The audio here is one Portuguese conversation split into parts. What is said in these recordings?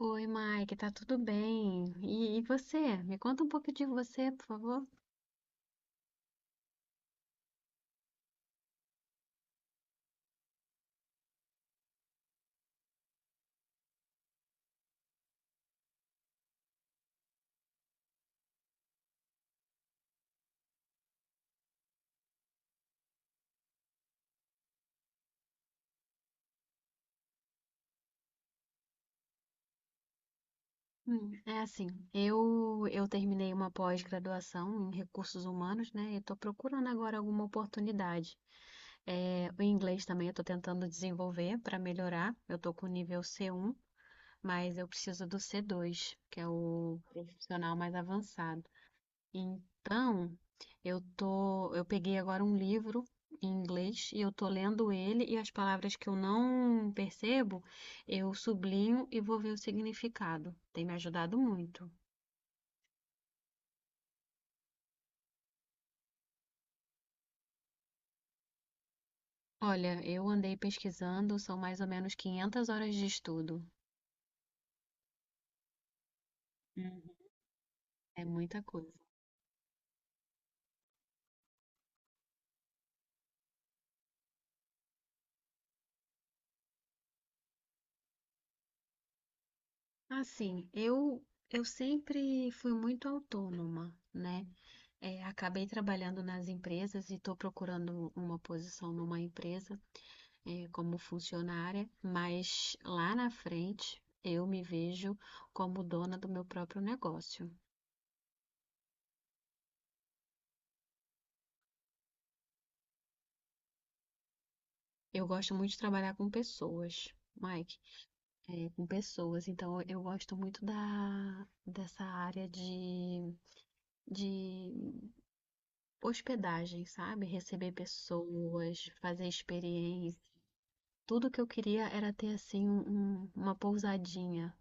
Oi, Mike, tá tudo bem? E você? Me conta um pouco de você, por favor. É assim, eu terminei uma pós-graduação em recursos humanos, né? E tô procurando agora alguma oportunidade. É, o inglês também eu tô tentando desenvolver para melhorar. Eu tô com nível C1, mas eu preciso do C2, que é o profissional mais avançado. Então, eu peguei agora um livro em inglês e eu tô lendo ele e as palavras que eu não percebo, eu sublinho e vou ver o significado. Tem me ajudado muito. Olha, eu andei pesquisando, são mais ou menos 500 horas de estudo. Uhum. É muita coisa. Assim, eu sempre fui muito autônoma, né? É, acabei trabalhando nas empresas e estou procurando uma posição numa empresa como funcionária, mas lá na frente eu me vejo como dona do meu próprio negócio. Eu gosto muito de trabalhar com pessoas, Mike, com pessoas. Então eu gosto muito dessa área de hospedagem, sabe? Receber pessoas, fazer experiência. Tudo que eu queria era ter assim uma pousadinha.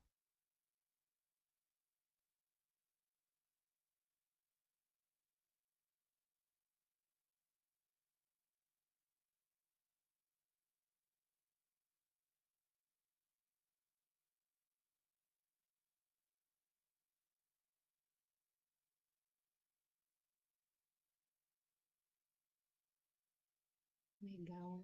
Legal.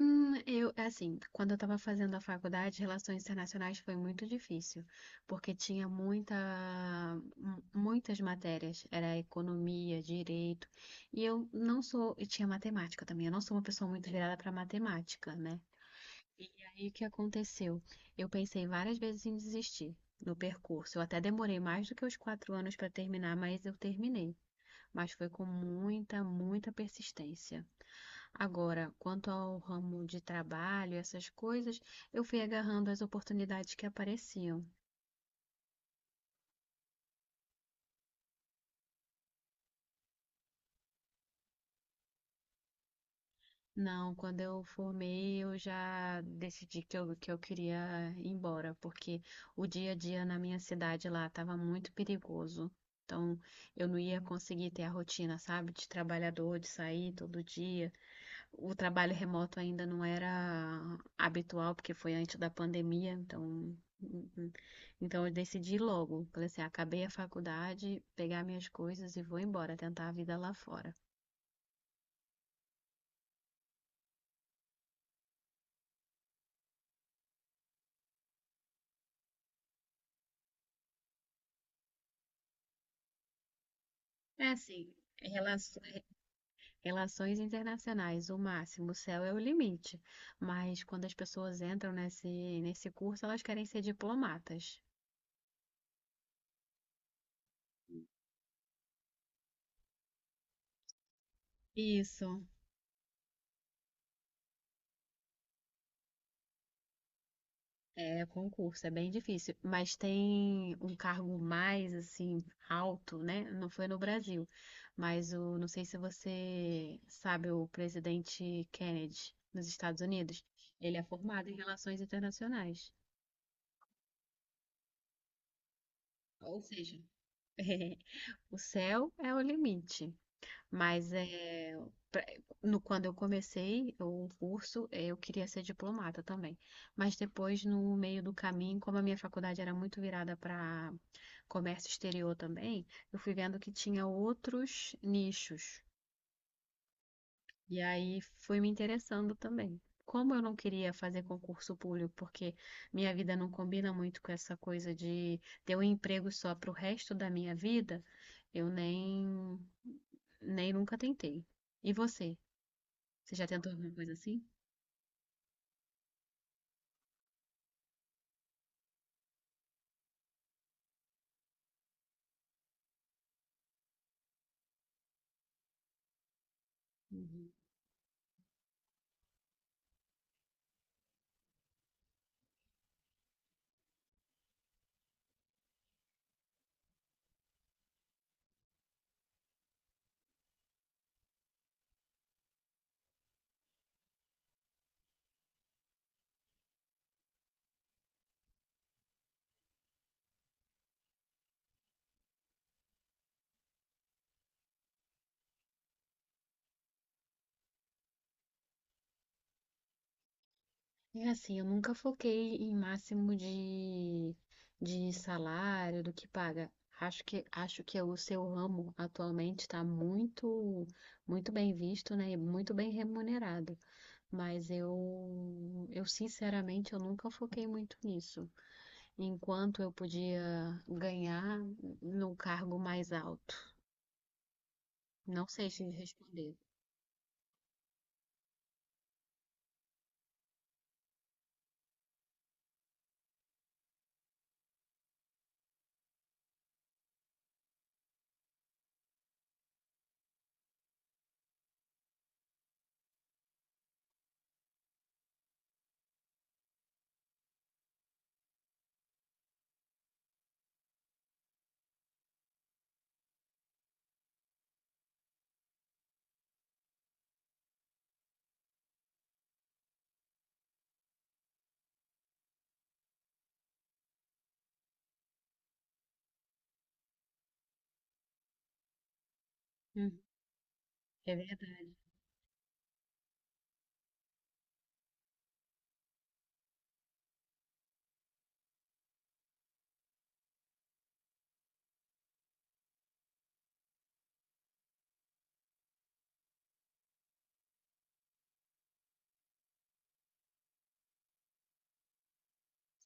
Eu, assim, quando eu estava fazendo a faculdade, relações internacionais foi muito difícil, porque tinha muitas matérias, era economia, direito, e eu não sou, e tinha matemática também, eu não sou uma pessoa muito virada para matemática, né? E aí o que aconteceu? Eu pensei várias vezes em desistir no percurso, eu até demorei mais do que os 4 anos para terminar, mas eu terminei, mas foi com muita, muita persistência. Agora, quanto ao ramo de trabalho, essas coisas, eu fui agarrando as oportunidades que apareciam. Não, quando eu formei, eu já decidi que eu queria ir embora, porque o dia a dia na minha cidade lá estava muito perigoso. Então, eu não ia conseguir ter a rotina, sabe, de trabalhador, de sair todo dia. O trabalho remoto ainda não era habitual, porque foi antes da pandemia, então, hum, hum. Então eu decidi logo. Falei assim, acabei a faculdade, pegar minhas coisas e vou embora, tentar a vida lá fora. É assim, relaço- relações internacionais, o máximo, o céu é o limite. Mas quando as pessoas entram nesse curso, elas querem ser diplomatas. Isso. É, concurso, é bem difícil, mas tem um cargo mais assim alto, né? Não foi no Brasil, mas o, não sei se você sabe, o presidente Kennedy nos Estados Unidos, ele é formado em relações internacionais. Ou seja, o céu é o limite. Mas é, pra- no, quando eu comecei o curso, eu queria ser diplomata também. Mas depois, no meio do caminho, como a minha faculdade era muito virada para comércio exterior também, eu fui vendo que tinha outros nichos. E aí fui me interessando também. Como eu não queria fazer concurso público, porque minha vida não combina muito com essa coisa de ter um emprego só para o resto da minha vida, eu nem, nem nunca tentei. E você? Você já tentou alguma coisa assim? Uhum. É assim, eu nunca foquei em de salário, do que paga. Acho que o seu ramo atualmente está muito bem visto, né? E muito bem remunerado. Mas eu sinceramente, eu nunca foquei muito nisso. Enquanto eu podia ganhar num cargo mais alto. Não sei se responder. Uhum. É verdade.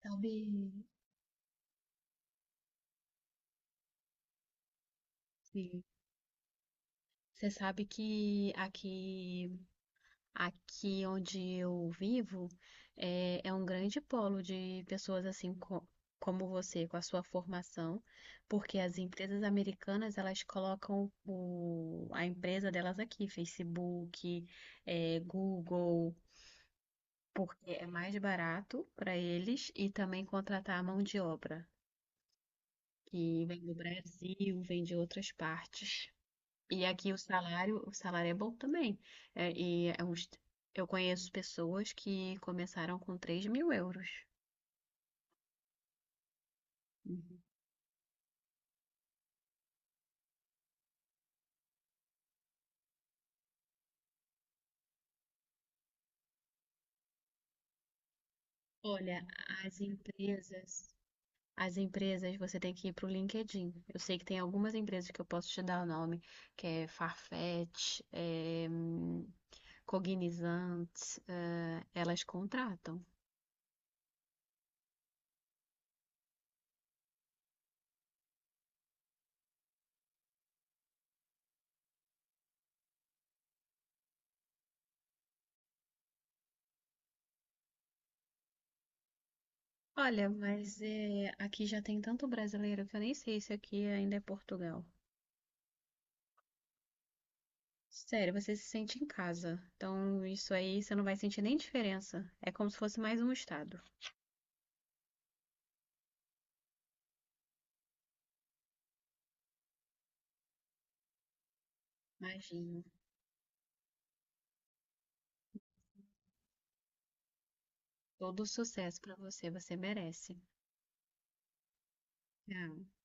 Sabe, sim. Você sabe que aqui Aqui onde eu vivo é um grande polo de pessoas assim como você, com a sua formação, porque as empresas americanas elas colocam a empresa delas aqui, Facebook, é, Google, porque é mais barato para eles e também contratar a mão de obra, que vem do Brasil, vem de outras partes. E aqui o salário é bom também. É, e é uns- eu conheço pessoas que começaram com 3.000 euros. Uhum. Olha, as empresas, as empresas, você tem que ir para o LinkedIn. Eu sei que tem algumas empresas que eu posso te dar o nome, que é Farfetch, Cognizant, elas contratam. Olha, mas aqui já tem tanto brasileiro que eu nem sei se aqui ainda é Portugal. Sério, você se sente em casa. Então, isso aí você não vai sentir nem diferença. É como se fosse mais um estado. Imagino. Todo sucesso pra você, você merece. Ah.